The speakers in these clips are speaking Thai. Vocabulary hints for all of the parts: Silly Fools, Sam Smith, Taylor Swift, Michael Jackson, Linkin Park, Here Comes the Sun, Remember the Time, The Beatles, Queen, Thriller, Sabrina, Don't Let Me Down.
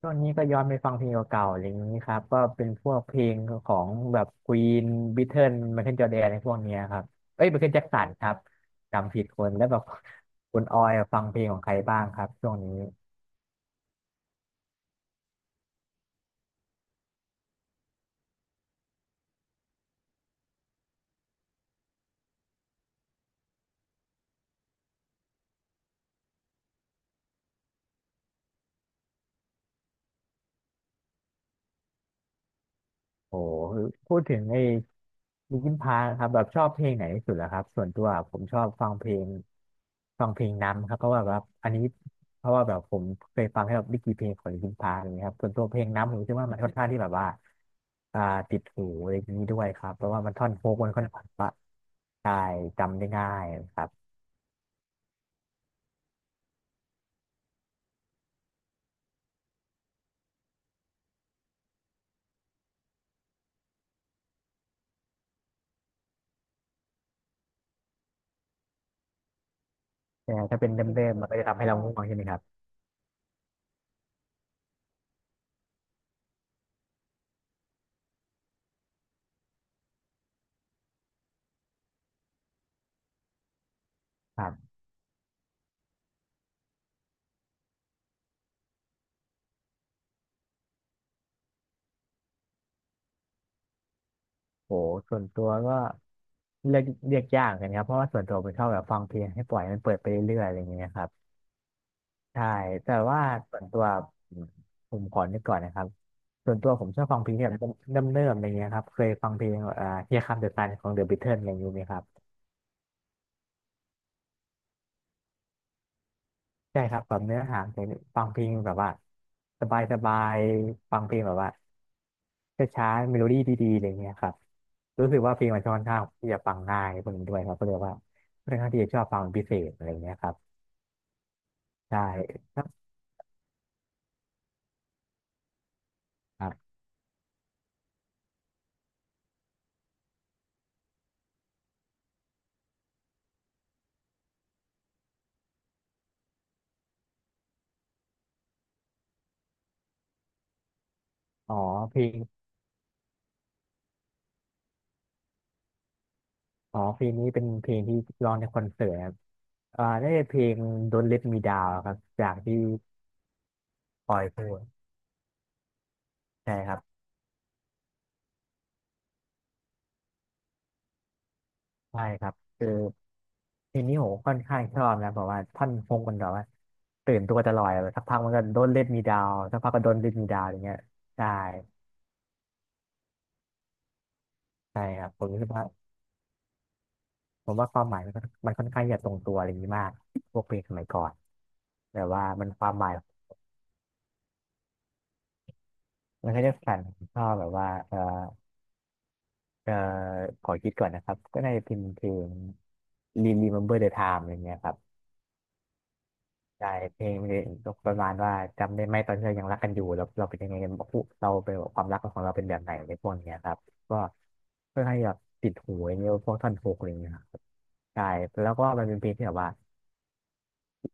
ช่วงนี้ก็ย้อนไปฟังเพลงเก่าๆอะไรอย่างนี้ครับก็เป็นพวกเพลงของแบบควีนบิทเทิลไมเคิลจอร์แดนในพวกเนี้ยครับเอ้ยไมเคิลแจ็คสันครับจำผิดคนแล้วแบบคุณออยฟังเพลงของใครบ้างครับช่วงนี้ โอ้พูดถึงไอ้ลินคินพาร์คครับแบบชอบเพลงไหนที่สุดเหรอครับส่วนตัวผมชอบฟังเพลงฟังเพลงนํครับเพราะว่าแบบอันนี้เพราะว่าแบบผมเคยฟังให้แบบไม่กี่เพลงของลินคินพาร์คอะไรอย่างเงี้ยครับส่วนตัวเพลงนํผมคิดว่ามันค่อนข้างที่แบบว่าอ่าติดหูอะไรอย่างนี้ด้วยครับเพราะว่ามันท่อนโฮกมันค่อนข้างว่าได้จำได้ง่ายครับแต่ถ้าเป็นเดิมๆมันก็จะทำให้เราง่วงใช่ไหมครับ โหส่วนตัวก็เลือกเลือกยากกันครับเพราะว่าส่วนตัวเป็นชอบแบบฟังเพลงให้ปล่อยมันเปิดไปเรื่อยๆอะไรอย่างเงี้ยครับใช่แต่ว่าส่วนตัวผมผมขอนึกก่อนนะครับส่วนตัวผมชอบฟังเพลงที่แบบเริ่มเริ่มๆอะไรเงี้ยครับเคยฟังเพลงHere Comes the Sun ของ The Beatles อะไรอย่างนี้ไหมครับ ใช่ครับแบบเนื้อหาเพลงฟังเพลงแบบว่าสบายสบายฟังเพลงแบบว่าช้าๆเมโลดี้ดีๆอะไรเงี้ยครับรู้สึกว่าเพลงมันค่อนข้างที่จะฟังง่ายพวกนี้ด้วยครับก็เลยว่าค่อนข้างที่จะชอบฟังเป็นพิเศษอะไรเงี้ยครับใช่ครับอ๋อเพลงอ๋อเพลงนี้เป็นเพลงที่ร้องในคอนเสิร์ตครับได้เพลง Don't Let Me Down ครับจากที่ปอยพูดใช่ครับใช่ครับเออ ทีนี้ผมค่อนข้างชอบนะเพราะว่าท่อนพงมันแบบว่าตื่นตัวจะลอยแบบสักพักมันก็โดนเล่นมีดาวสักพักก็โดนเล็นมีดาวอย่างเงี้ยใช่ใช่ครับผมรู้สึกว่าผมว่าความหมายมันก็มันค่อนข้างจะตรงตัวอะไรอย่างนี้มากพวกเพลงสมัยก่อนแบบว่ามันความหมายมันก็จะสั่นชอบแบบว่าเออขอคิดก่อนนะครับก็น่าจะเป็นเพลง Remember the Time อะไรเงี้ยครับ ใช่เพลงมันจะประมาณว่าจำได้ไหมตอนที่เรายังรักกันอยู่เราเป็นยังไงกันบอกผู้เราเป็นความรักของเราเป็นแบบไหนในพวกเนี้ยครับก็เพื่อให้แบบติดหูอย่างเงี้ยพวกท่อนฮุกอะไรเงี้ยครับใช่แล้วก็มันเป็นเพลงที่แบบว่า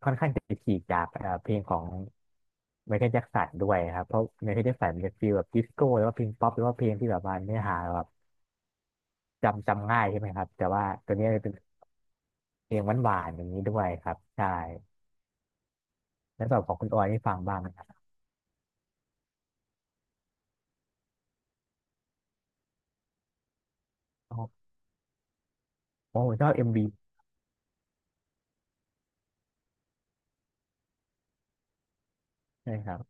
ค่อนข้างจะฉีกจากเพลงของไมเคิลแจ็คสันด้วยครับเพราะไมเคิลแจ็คสันมันจะฟีลแบบดิสโก้หรือว่าเพลงป๊อปหรือว่าเพลงที่แบบว่าเนื้อหาแบบจำง่ายใช่ไหมครับแต่ว่าตัวเนี้ยเป็นเพลงหวานๆอย่างนี้ด้วยครับใช่แล้วสำหรับของคุณออยนี่ฟังบ้างไหมครับโอ้โหผมชอบเอ็มบี ใช่ครับ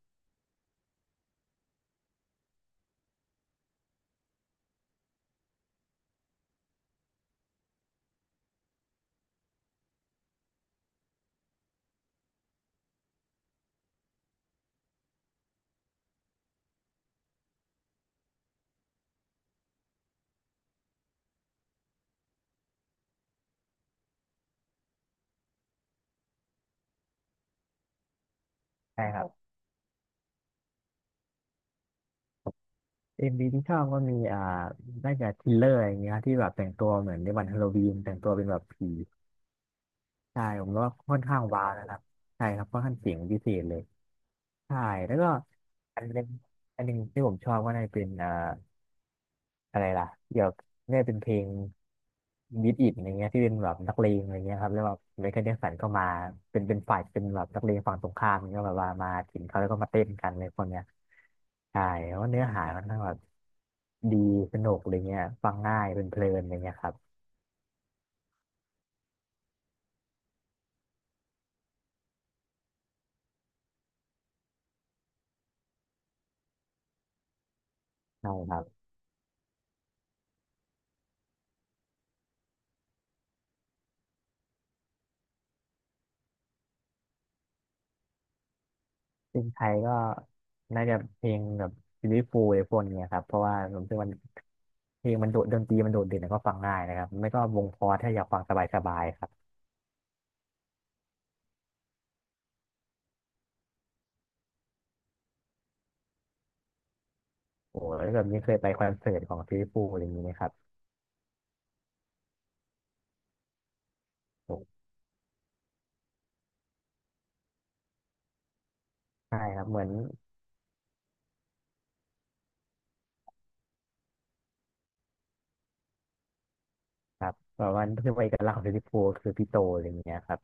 ใช่ครับเอ็มวีที่ชอบก็มีน่าจะทิลเลอร์อย่างเงี้ยที่แบบแต่งตัวเหมือนในวันฮาโลวีนแต่งตัวเป็นแบบผี ใช่ ผมว่าค่อนข้างว้าวนะครับใช่ครับค่อนข้างเจ๋งพิเศษเลย ใช่ แล้วก็อันหนึงอันหนึงที่ผมชอบก็น่าจะเป็นอะไรล่ะเกี่ยวกับเนี่ยเป็นเพลงบีทอิทอะไรเงี้ยที่เป็นแบบนักเลงอะไรเงี้ยครับแล้วแบบไมเคิลแจ็คสันก็มาเป็นฝ่ายเป็นแบบนักเลงฝั่งตรงข้ามก็แบบว่ามาถึงเขาแล้วก็มาเต้นกันเลยคนเนี้ยใช่เพราะเนื้อหามันทั้งแบบดีสนุกอะไรเงี้ยฟังง่ายเป็นเพลินอะไรเงี้ยครับใช่ครับซึ่งไทยก็น่าจะเพลงแบบซีรีส์ฟูอะไรพวกเนี้ยครับเพราะว่าผมคิดว่ามันเพลงมันโดดดนตรีมันโดดเด่นแล้วก็ฟังง่ายนะครับไม่ก็วงพอร์ถ้าอยากฟังสบายๆครับ โอ้แล้วแบบนี้เคยไปคอนเสิร์ตของฟิลิปปูอะไรอย่างนี้ไหมครับโอ้ใช่ครับเหมือนครับแบบว่าคือเอกลักษณ์ของฟิลิปปูคือพี่โตอะไรอย่างเงี้ยครับ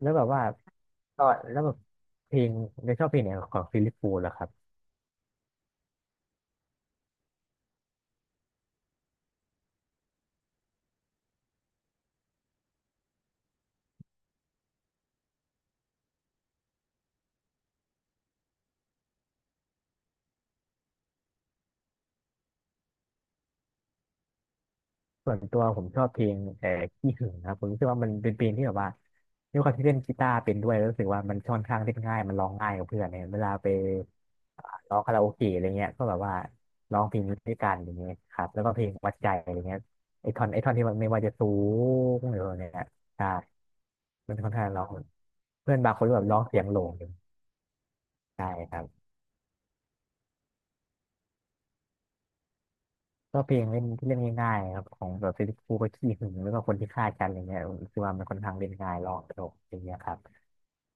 แล้วแบบว่าก็แล้วแบบเพลงได้ชอบเพลงไหนของฟิลิปปูเหรอครับ ส่วนตัวผมชอบเพลงขี้หึงนะครับผมรู้สึกว่ามันเป็นเพลงที่แบบว่าด้วยความที่เล่นกีตาร์เป็นด้วยแล้วรู้สึกว่ามันค่อนข้างเล่นง่ายมันร้องง่ายกับเพื่อนเนี่ยเวลาไปอ่าร้องคาราโอเกะอะไรเงี้ยก็แบบว่าร้องเพลงนี้ด้วยกันอย่างเงี้ยครับแล้วก็เพลงวัดใจอะไรเงี้ยไอท่อนที่มันไม่ว่าจะสูงหรืออะไรเนี่ยใช่มันค่อนข้างร้องเพื่อนบางคนก็แบบร้องเสียงโหลงใช่ครับ ก็เพลงเล่นที่เล่นง่ายๆครับของแบบฟิลิปปูก็ขี้หึงแล้วก็คนที่ฆ่ากันอะไรเงี้ยผมคือว่ามันค่อนข้างเล่นง่ายลองตลกอะไรเงี้ยครับ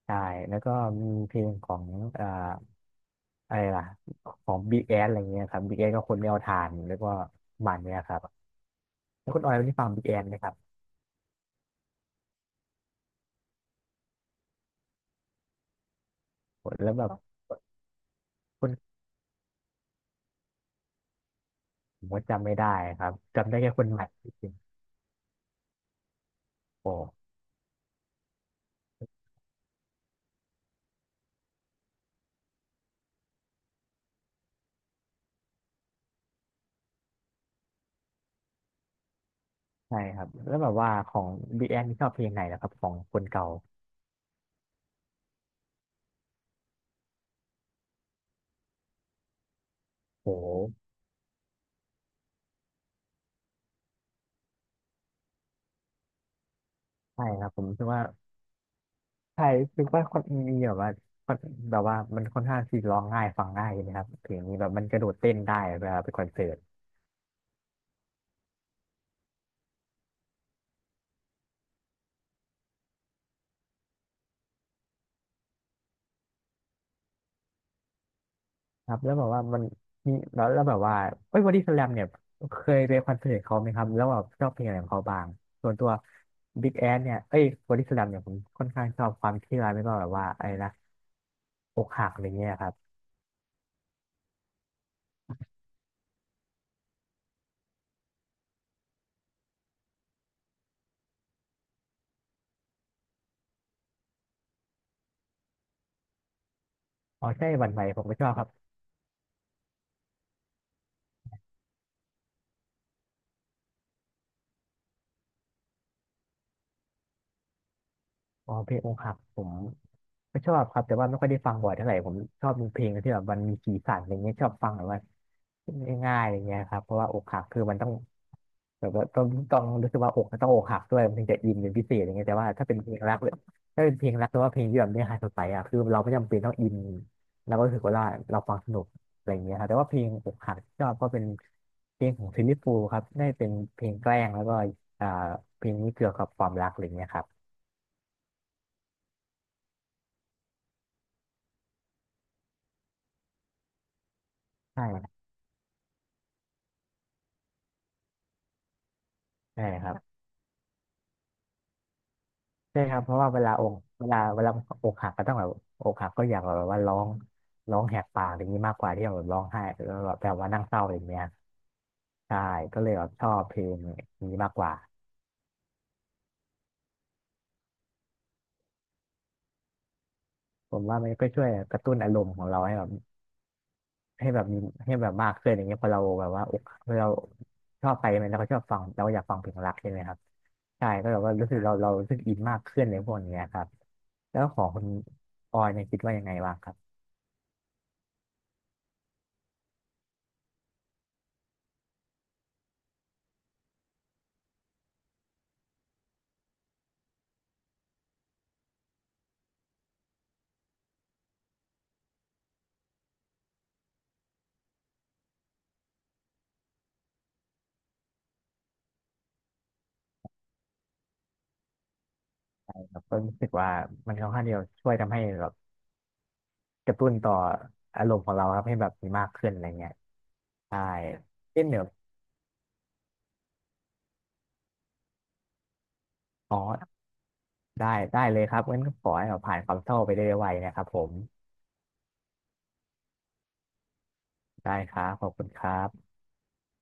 ใช่แล้วก็มีเพลงของเอ่ออะไรล่ะของบิ๊กแอสอะไรเงี้ยครับบิ๊กแอสก็คนไม่เอาทานแล้วก็ประมันเนี้ยครับแล้วคุณออยได้ฟังบิ๊กแอสไหมครับแล้วแบบคนผมก็จำไม่ได้ครับจำได้แค่คนใหม่จริงๆโอ้ใช่ครับแล้วแบบว่าของบิ๊กแอสชอบเพลงไหนนะครับของคนเก่าโอ้ใช่ครับผมคิดว่า ใช่คือว่าคนมีแบบว่าคนแบบว่ามันค่อนข้างที่ร้องง่ายฟังง่ายนะครับเพลงนี้แบบมันกระโดดเต้นได้เวลาไปคอนเสิร์ตครับแล้วแบบว่ามันมีแล้วแล้วแบบว่าเอ้ยบอดี้สแลมเนี่ยเคยไปคอนเสิร์ตเขาไหมครับแล้วแบบชอบเพลงอะไรของเขาบ้างส่วนตัวบิ๊กแอเนี่ยเอ้ยบอดี้สแลมเนี่ยผมค่อนข้างชอบความเชื่อไม่ก็แบบว่าอะไรนะอกหักอะไรเงี้ยครับอ๋อใช่หวันไหวผมก็ชอบครับ อ๋อเพลงอกหักผมก็ชอบครับแต่ว่าไม่ค่อยได้ฟังบ่อยเท่าไหร่ผมชอบดูเพลงที่แบบมันมีสีสันอะไรเงี้ยชอบฟังแบบว่าง่ายๆอะไรเงี้ยครับเพราะว่าอกหักคือมันต้องแบบว่าต้องรู้สึกว่าอกต้องอกหักด้วยมันถึงจะอินเป็นพิเศษอะไรเงี้ยแต่ว่าถ้าเป็นเพลงรักเลยถ้าเป็นเพลงรักหรือว่าเพลงที่แบบเนื้อหาสดใสอ่ะคือเราไม่จำเป็นต้องอินเราก็รู้สึกว่าเราฟังสนุกอะไรเงี้ยครับแต่ว่าเพลงอกหักที่ชอบก็เป็นเพลงของซิลลี่ฟูลส์ครับได้เป็นเพลงแกล้งแล้วก็อ่าเพลงนี้เกี่ยวกับความรักอะไรเงี้ยครับใช่ ใช่ครับใช่ครับเพราะว่าเวลาอกหักก็ต้องแบบอกหักก็อยากแบบว่าร้องแหกปากอย่างนี้มากกว่าที่แบบร้องไห้แล้วแบบว่านั่งเศร้าอย่างเงี้ยใช่ก็เลยแบบชอบเพลงนี้มากกว่าผมว่ามันก็ช่วยกระตุ้นอารมณ์ของเราให้แบบให้แบบมีให้แบบมากขึ้นอย่างเงี้ยพอเราชอบไปมันเราก็ชอบฟังเราก็อยากฟังเพลงรักใช่ไหมครับใช่ก็แบบว่ารู้สึกเราเรารู้สึกอินมากขึ้นในพวกเนี้ยครับแล้วของคุณออยเนี่ยคิดว่ายังไงบ้างครับ แบบก็รู้สึกว่ามันค่อนข้างที่จะช่วยทำให้แบบกระตุ้นต่ออารมณ์ของเราครับให้แบบมีมากขึ้นอะไรเงี้ยใช่เช่นเดียวอ๋อได้ได้เลยครับงั้นก็ขอให้เราผ่านความเศร้าไปได้ไวนะครับผมได้ครับขอบคุณครับ